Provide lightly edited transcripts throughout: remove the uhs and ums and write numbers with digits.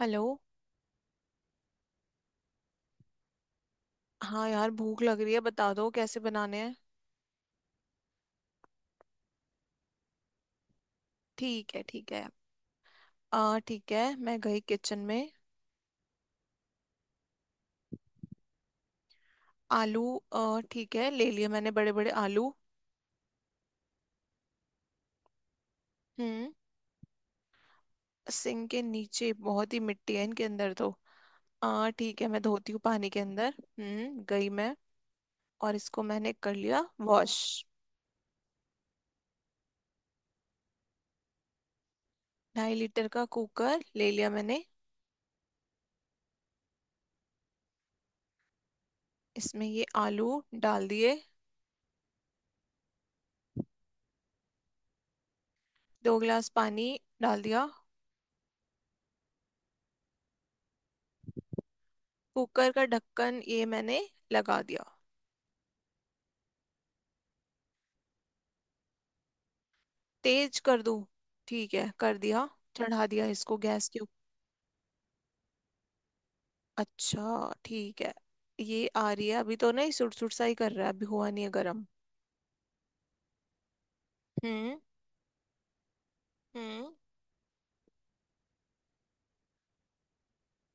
Hello. हाँ यार, भूख लग रही है, बता दो कैसे बनाने हैं। ठीक है, ठीक है। आ ठीक है, मैं गई किचन में। आलू। आ ठीक है, ले लिए मैंने बड़े बड़े आलू। हम्म। सिंक के नीचे बहुत ही मिट्टी है इनके अंदर तो। आ ठीक है, मैं धोती हूँ पानी के अंदर। हम्म, गई मैं। और इसको मैंने कर लिया वॉश। ढाई लीटर का कुकर ले लिया मैंने। इसमें ये आलू डाल दिए। दो गिलास पानी डाल दिया। कुकर का ढक्कन ये मैंने लगा दिया। तेज कर दूं? ठीक है, कर दिया। चढ़ा दिया इसको गैस के ऊपर। अच्छा ठीक है। ये आ रही है अभी तो नहीं, सुट सुट सा ही कर रहा है, अभी हुआ नहीं है गर्म। हम्म। हम्म।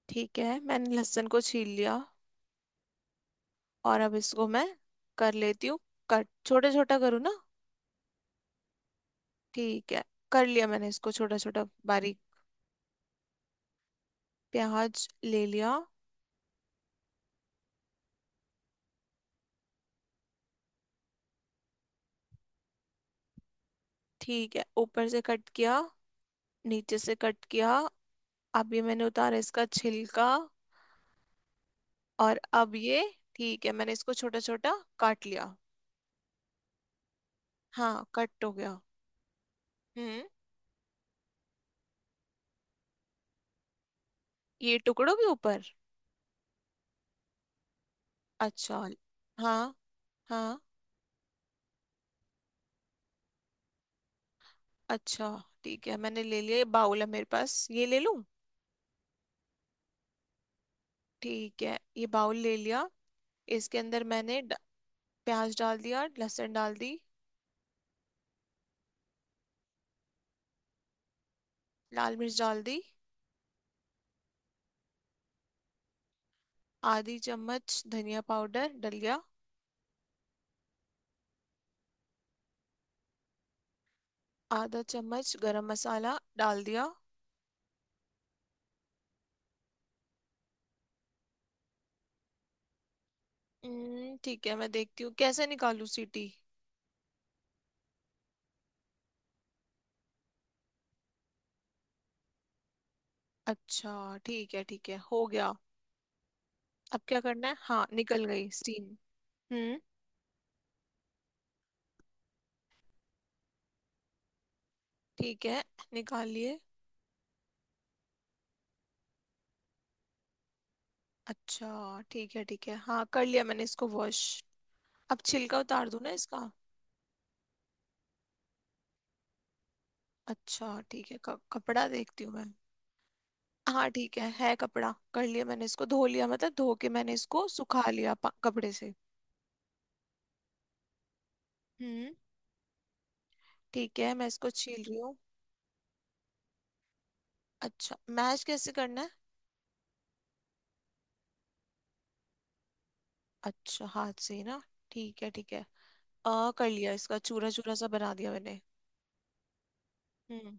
ठीक है, मैंने लहसुन को छील लिया, और अब इसको मैं कर लेती हूँ। कट छोटा छोटा करूँ ना? ठीक है, कर लिया मैंने इसको छोटा छोटा बारीक। प्याज ले लिया। ठीक है, ऊपर से कट किया, नीचे से कट किया, अब ये मैंने उतारा इसका छिलका। और अब ये, ठीक है मैंने इसको छोटा छोटा काट लिया। हाँ, कट हो गया। हम्म। ये टुकड़ों के ऊपर? अच्छा। हाँ। हाँ। अच्छा ठीक है, मैंने ले लिया, ये बाउल है मेरे पास, ये ले लूं? ठीक है, ये बाउल ले लिया। इसके अंदर मैंने प्याज डाल दिया, लहसुन डाल दी। लाल मिर्च डाल दी। आधी चम्मच धनिया पाउडर डल गया। आधा चम्मच गरम मसाला डाल दिया। ठीक है, मैं देखती हूँ कैसे निकालूं सीटी। अच्छा ठीक है, ठीक है, हो गया। अब क्या करना है? हाँ, निकल गई स्टीम। हम्म। ठीक है, निकाल लिए। अच्छा ठीक है, ठीक है, हाँ कर लिया मैंने इसको वॉश। अब छिलका उतार दूं ना इसका? अच्छा ठीक है, कपड़ा देखती हूँ मैं। हाँ ठीक है कपड़ा, कर लिया मैंने, इसको धो लिया, मतलब धो के मैंने इसको सुखा लिया कपड़े से। हम्म। ठीक है, मैं इसको छील रही हूँ। अच्छा, मैश कैसे करना है? अच्छा, हाथ से ही ना? ठीक है, ठीक है। आ कर लिया, इसका चूरा चूरा सा बना दिया मैंने। हम्म।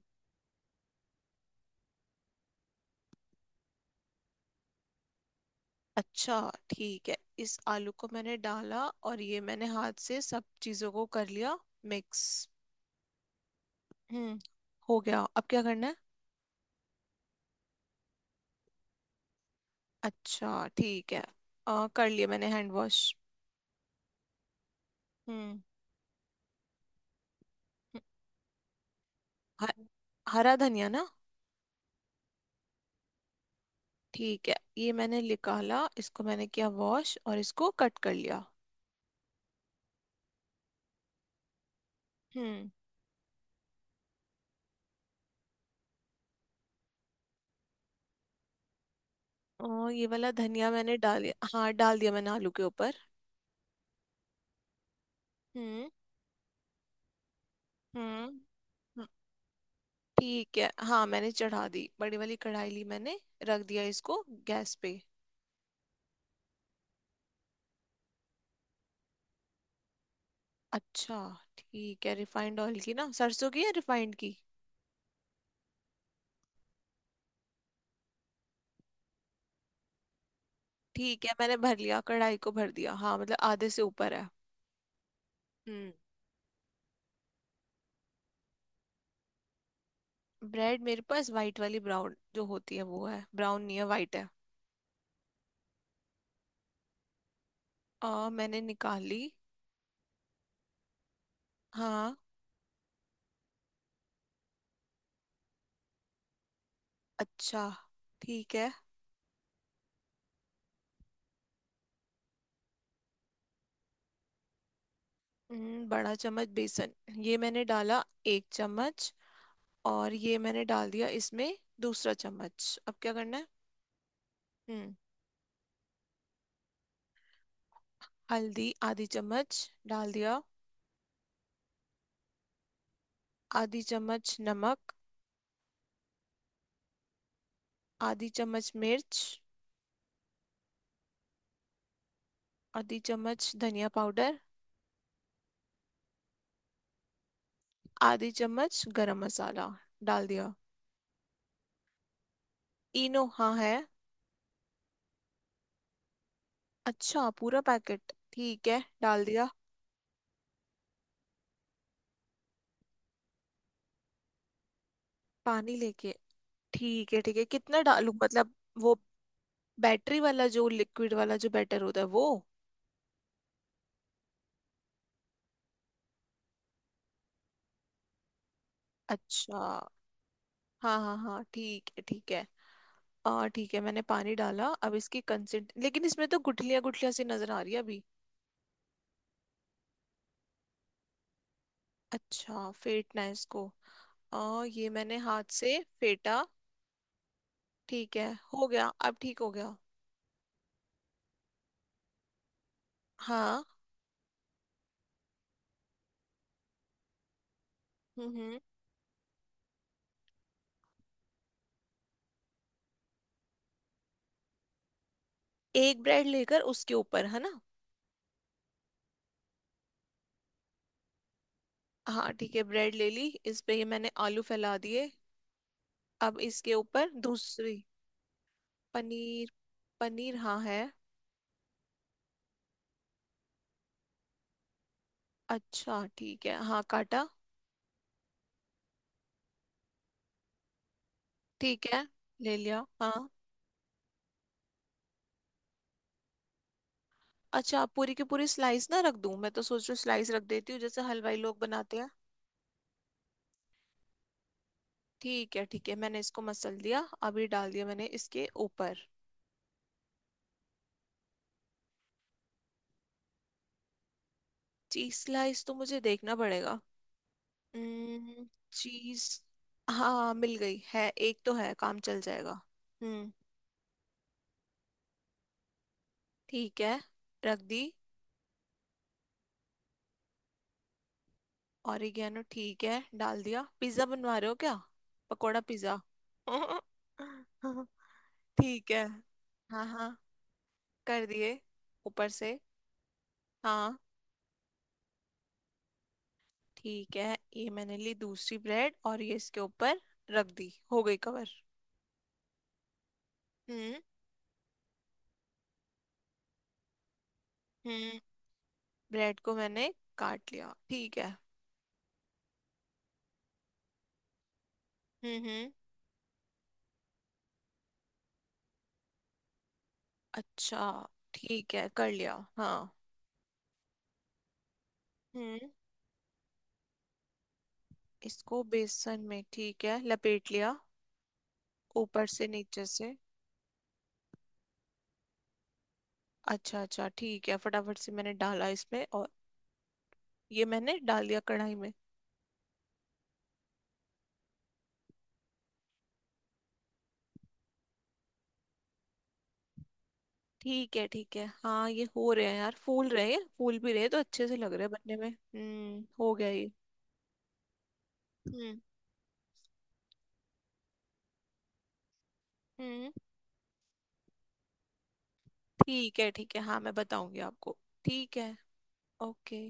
अच्छा ठीक है, इस आलू को मैंने डाला, और ये मैंने हाथ से सब चीजों को कर लिया मिक्स। हम्म। हो गया, अब क्या करना है? अच्छा ठीक है। कर लिया मैंने हैंड वॉश। हम्म। हम्म, ह- हरा धनिया ना? ठीक है, ये मैंने निकाला, इसको मैंने किया वॉश और इसको कट कर लिया। हम्म। ओ, ये वाला धनिया मैंने डाल, हाँ डाल दिया मैंने आलू के ऊपर। हम्म। हम्म। ठीक है, हाँ मैंने चढ़ा दी, बड़ी वाली कढ़ाई ली मैंने, रख दिया इसको गैस पे। अच्छा ठीक है, रिफाइंड ऑयल की ना सरसों की, या रिफाइंड की? ठीक है, मैंने भर लिया, कढ़ाई को भर दिया, हाँ मतलब आधे से ऊपर है। हम्म। ब्रेड मेरे पास वाइट वाली, ब्राउन जो होती है वो है, ब्राउन नहीं है, वाइट है। मैंने निकाली। हाँ। अच्छा ठीक है। बड़ा चम्मच बेसन, ये मैंने डाला एक चम्मच, और ये मैंने डाल दिया इसमें दूसरा चम्मच, अब क्या करना है? हम्म, हल्दी आधी चम्मच डाल दिया। आधी चम्मच नमक। आधी चम्मच मिर्च। आधी चम्मच धनिया पाउडर। आधी चम्मच गरम मसाला डाल दिया। इनो हाँ है। अच्छा पूरा पैकेट, ठीक है डाल दिया। पानी लेके ठीक है, ठीक है, कितना डालूं मतलब? वो बैटरी वाला, जो लिक्विड वाला जो बैटर होता है वो? अच्छा। हाँ हाँ हाँ, ठीक है ठीक है। आ ठीक है, मैंने पानी डाला, अब इसकी कंसिस्ट, लेकिन इसमें तो गुठलियां गुठलियां सी नजर आ रही है अभी। अच्छा, फेटना है इसको? ये मैंने हाथ से फेटा। ठीक है। हो गया, अब ठीक हो गया। हाँ। हम्म। हम्म। एक ब्रेड लेकर उसके ऊपर है ना? हाँ ठीक है, ब्रेड ले ली, इस पे ये मैंने आलू फैला दिए, अब इसके ऊपर दूसरी। पनीर? पनीर हाँ है। अच्छा ठीक है, हाँ काटा। ठीक है, ले लिया हाँ। अच्छा, पूरी की पूरी स्लाइस ना रख दूं? मैं तो सोच रही हूँ स्लाइस रख देती हूँ, जैसे हलवाई लोग बनाते हैं। ठीक है, ठीक है, मैंने इसको मसल दिया, अभी डाल दिया मैंने इसके ऊपर। चीज स्लाइस तो मुझे देखना पड़ेगा। चीज, हाँ मिल गई है, एक तो है, काम चल जाएगा। हम्म। ठीक है, रख दी। ऑरिगेनो ठीक है डाल दिया। पिज्जा बनवा रहे हो क्या? पकोड़ा पिज्जा। ठीक है, हाँ हाँ, कर दिए ऊपर से। हाँ। ठीक है, ये मैंने ली दूसरी ब्रेड, और ये इसके ऊपर रख दी, हो गई कवर। हम्म। हम्म, ब्रेड को मैंने काट लिया, ठीक है। हम्म। हम्म। अच्छा ठीक है, कर लिया हाँ। हम्म। इसको बेसन में, ठीक है लपेट लिया। ऊपर से नीचे से। अच्छा अच्छा ठीक है, फटाफट से मैंने डाला इसमें, और ये मैंने डाल दिया कढ़ाई में। ठीक है, ठीक है, हाँ ये हो रहे हैं यार, फूल रहे हैं, फूल भी रहे तो अच्छे से लग रहे हैं बनने में। हम्म। हो गया ये। हम्म। हम्म। ठीक है, ठीक है, हाँ मैं बताऊंगी आपको। ठीक है। ओके।